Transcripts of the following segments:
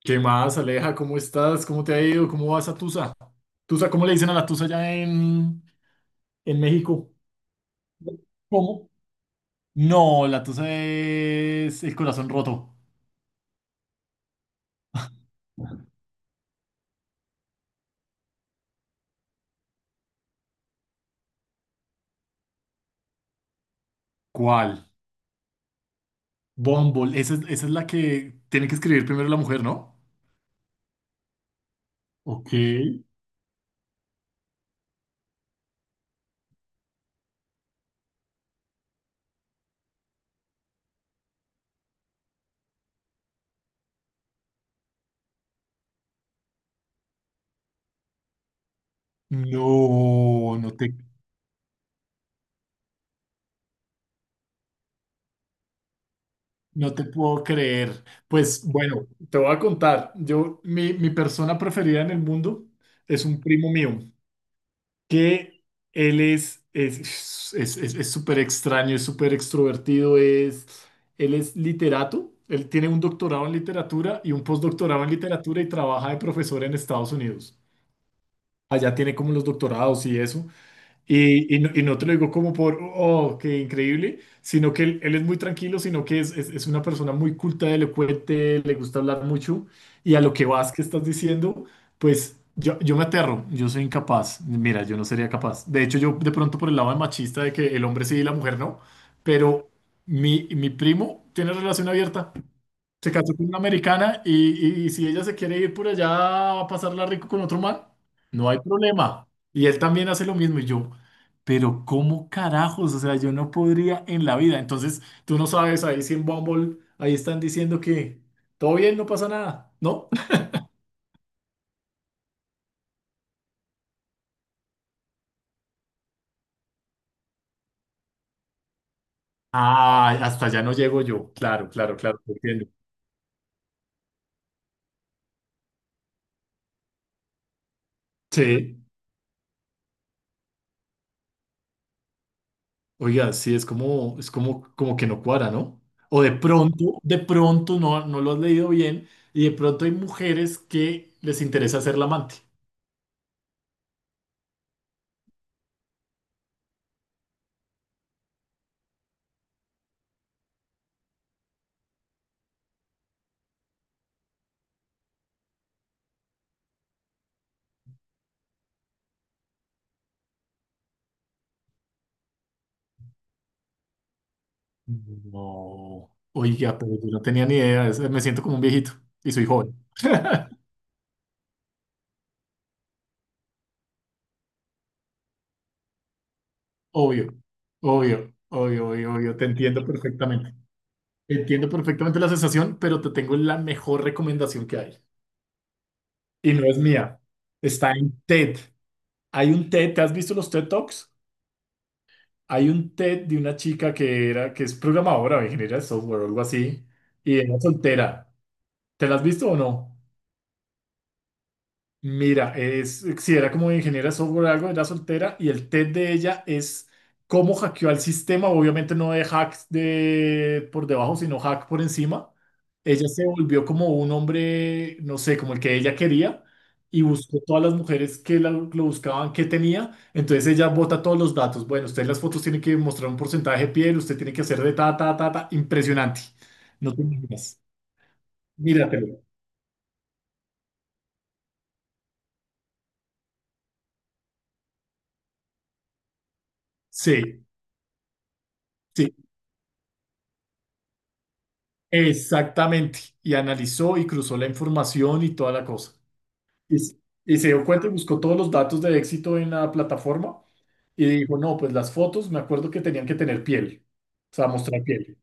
¿Qué más, Aleja? ¿Cómo estás? ¿Cómo te ha ido? ¿Cómo vas a Tusa? Tusa, ¿cómo le dicen a la Tusa allá en México? ¿Cómo? No, la Tusa es el corazón roto. ¿Cuál? Bumble. Esa es la que tiene que escribir primero la mujer, ¿no? Ok. No, no te puedo creer. Pues bueno, te voy a contar. Mi persona preferida en el mundo es un primo mío. Que él es súper extraño, es súper extrovertido. Es él es literato, él tiene un doctorado en literatura y un postdoctorado en literatura y trabaja de profesor en Estados Unidos. Allá tiene como los doctorados y eso. Y no te lo digo como por, oh, qué increíble, sino que él es muy tranquilo, sino que es una persona muy culta, elocuente, le gusta hablar mucho. Y a lo que vas que estás diciendo, pues yo me aterro, yo soy incapaz. Mira, yo no sería capaz. De hecho, yo de pronto por el lado de machista de que el hombre sí y la mujer no, pero mi primo tiene relación abierta. Se casó con una americana y si ella se quiere ir por allá a pasarla rico con otro man, no hay problema. Y él también hace lo mismo. Y yo, pero ¿cómo carajos? O sea, yo no podría en la vida. Entonces, tú no sabes, ahí sí en Bumble, ahí están diciendo que todo bien, no pasa nada, ¿no? Ah, hasta allá no llego yo. Claro, claro, claro, te entiendo. Sí. Oiga, sí, como que no cuadra, ¿no? O de pronto no lo has leído bien y de pronto hay mujeres que les interesa ser la amante. No, oiga, pero yo no tenía ni idea, me siento como un viejito y soy joven. Obvio, obvio, obvio, obvio, obvio, te entiendo perfectamente. Entiendo perfectamente la sensación, pero te tengo la mejor recomendación que hay. Y no es mía, está en TED. Hay un TED, ¿te has visto los TED Talks? Hay un TED de una chica que era, que es programadora o ingeniera de software o algo así, y era soltera. ¿Te la has visto o no? Mira, si era como ingeniera de software o algo, era soltera y el TED de ella es cómo hackeó al sistema, obviamente no de hacks de, por debajo, sino hack por encima. Ella se volvió como un hombre, no sé, como el que ella quería y buscó todas las mujeres que lo buscaban, que tenía. Entonces ella bota todos los datos. Bueno, usted en las fotos tiene que mostrar un porcentaje de piel, usted tiene que hacer de ta, ta, ta, ta, impresionante. No te imaginas. Míratelo. Sí, sí. Exactamente. Y analizó y cruzó la información y toda la cosa. Y, s- y se dio cuenta y buscó todos los datos de éxito en la plataforma y dijo, no, pues las fotos me acuerdo que tenían que tener piel, o sea, mostrar piel.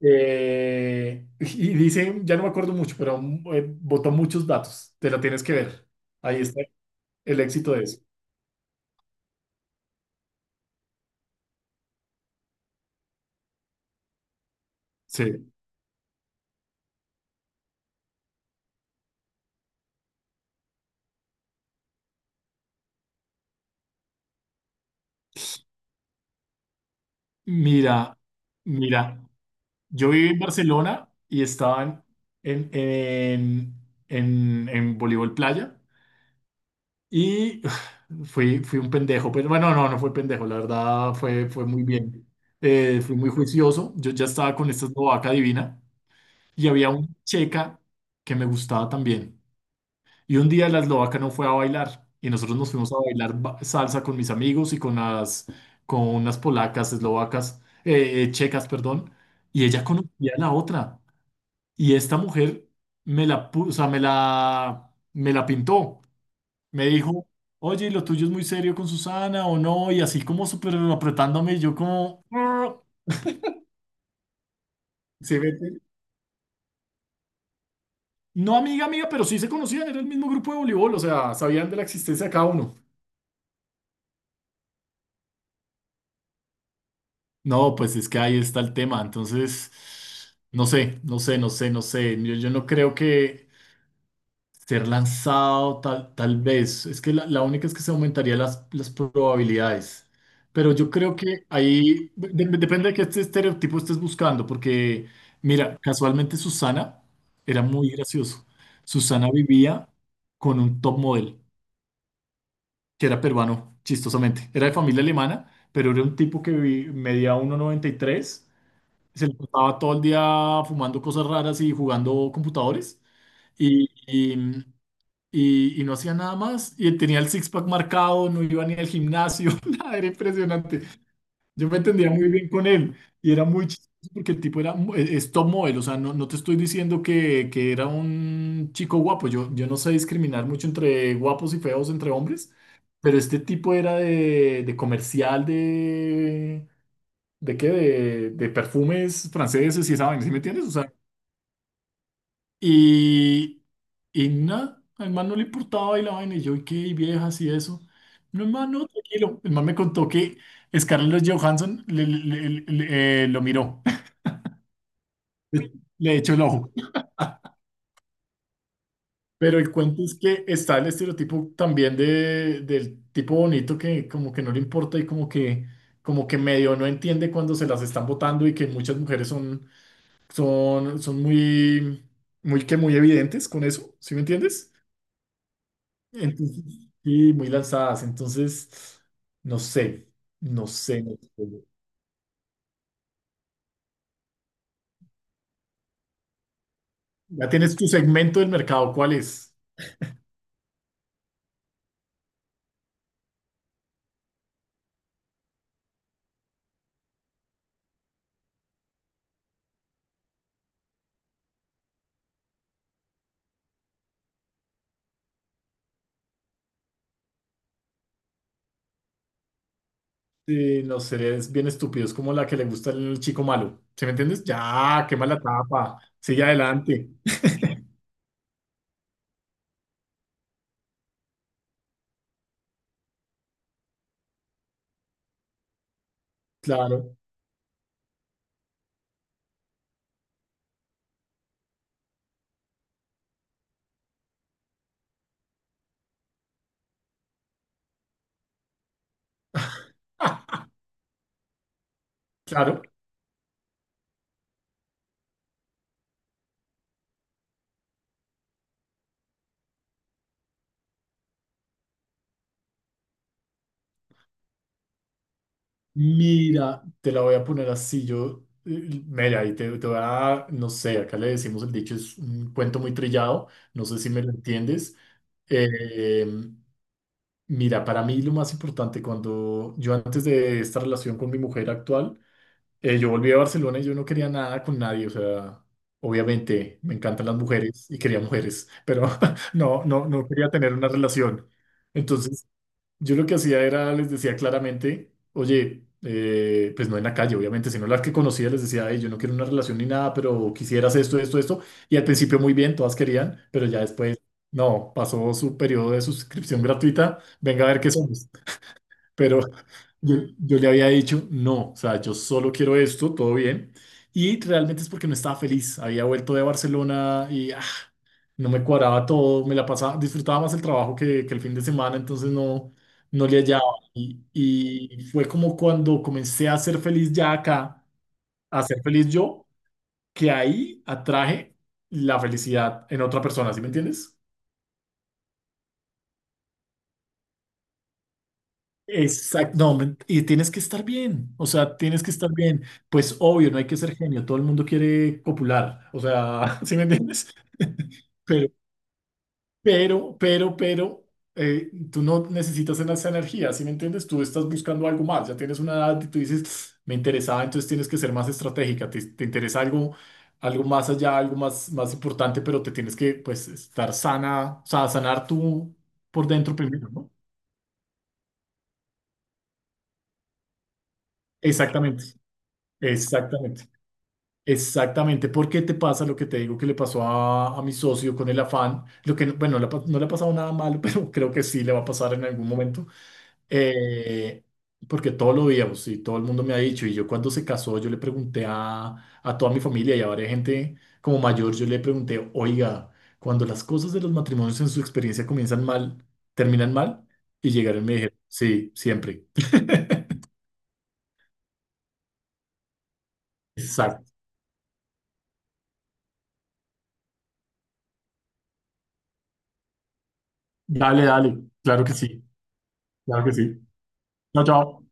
Y dice, ya no me acuerdo mucho, pero botó muchos datos, te la tienes que ver. Ahí está el éxito de eso. Sí. Mira, mira, yo viví en Barcelona y estaban en, en, en voleibol playa. Y fui un pendejo, pero bueno, no, no fue pendejo, la verdad fue muy bien. Fui muy juicioso, yo ya estaba con esta eslovaca divina y había una checa que me gustaba también. Y un día la eslovaca no fue a bailar y nosotros nos fuimos a bailar salsa con mis amigos y con las, con unas polacas, eslovacas, checas, perdón, y ella conocía a la otra. Y esta mujer o sea, me la pintó. Me dijo, oye, lo tuyo es muy serio con Susana o no, y así como súper apretándome, y yo como, "Ah", se mete. No amiga, amiga, pero sí se conocían, era el mismo grupo de voleibol, o sea, sabían de la existencia de cada uno. No, pues es que ahí está el tema, entonces, no sé, yo no creo que ser lanzado tal vez. Es que la única es que se aumentaría las probabilidades. Pero yo creo que ahí depende de qué este estereotipo estés buscando, porque mira, casualmente Susana era muy gracioso. Susana vivía con un top model, que era peruano, chistosamente. Era de familia alemana, pero era un tipo que medía 1,93. Se le pasaba todo el día fumando cosas raras y jugando computadores. Y, y no hacía nada más. Y tenía el six-pack marcado, no iba ni al gimnasio, nada, era impresionante. Yo me entendía muy bien con él y era muy chistoso porque el tipo era es top model, o sea, no te estoy diciendo que era un chico guapo, yo no sé discriminar mucho entre guapos y feos, entre hombres, pero este tipo era de comercial de... ¿De qué? De perfumes franceses y esa vaina, ¿sí me entiendes? O sea, y, y nada, al man no le importaba y la vaina, y yo, ¿y qué? ¿Y viejas y eso? No, el man, no, tranquilo. El man me contó que Scarlett Johansson lo miró, le echó el ojo. Pero el cuento es que está el estereotipo también del tipo bonito que como que no le importa y como que medio no entiende cuando se las están botando y que muchas mujeres son muy evidentes con eso, ¿sí me entiendes? Entonces, sí, muy lanzadas. Entonces, no sé, no sé. Ya tienes tu segmento del mercado, ¿cuál es? No sé, es bien estúpido, es como la que le gusta el chico malo. ¿Sí me entiendes? Ya, quema la tapa, sigue adelante. Claro, claro. Mira, te la voy a poner así. Mira, y te voy a, no sé, acá le decimos el dicho, es un cuento muy trillado, no sé si me lo entiendes. Eh, Mira, para mí lo más importante, cuando yo antes de esta relación con mi mujer actual, yo volví a Barcelona y yo no quería nada con nadie, o sea, obviamente me encantan las mujeres y quería mujeres, pero no quería tener una relación. Entonces, yo lo que hacía era, les decía claramente, oye, pues no en la calle, obviamente, sino las que conocía, les decía, "Ey, yo no quiero una relación ni nada, pero quisieras esto, esto, esto. Y al principio muy bien, todas querían, pero ya después, no, pasó su periodo de suscripción gratuita, venga a ver qué somos. Pero yo le había dicho, no, o sea, yo solo quiero esto, todo bien. Y realmente es porque no estaba feliz, había vuelto de Barcelona y no me cuadraba todo, me la pasaba, disfrutaba más el trabajo que el fin de semana, entonces no le hallaba. Y fue como cuando comencé a ser feliz ya acá, a ser feliz yo, que ahí atraje la felicidad en otra persona, ¿sí me entiendes? Exacto, no, y tienes que estar bien, o sea, tienes que estar bien. Pues obvio, no hay que ser genio, todo el mundo quiere copular, o sea, ¿sí me entiendes? Pero, pero, tú no necesitas en esa energía, ¿sí me entiendes? Tú estás buscando algo más, ya tienes una edad y tú dices, me interesaba, entonces tienes que ser más estratégica, te interesa algo, algo más allá, algo más importante, pero te tienes que, pues, estar sana, o sea, sanar tú por dentro primero, ¿no? Exactamente, exactamente. Exactamente, porque te pasa lo que te digo que le pasó a mi socio con el afán, lo que, bueno, no le ha pasado nada malo, pero creo que sí le va a pasar en algún momento. Eh, Porque todo lo veíamos y todo el mundo me ha dicho, y yo cuando se casó, yo le pregunté a toda mi familia y a varias gente como mayor, yo le pregunté, oiga, cuando las cosas de los matrimonios en su experiencia comienzan mal, terminan mal, y llegaron y me dijeron, sí, siempre. Exacto. Dale, dale, claro que sí, claro que sí. Chao, chao.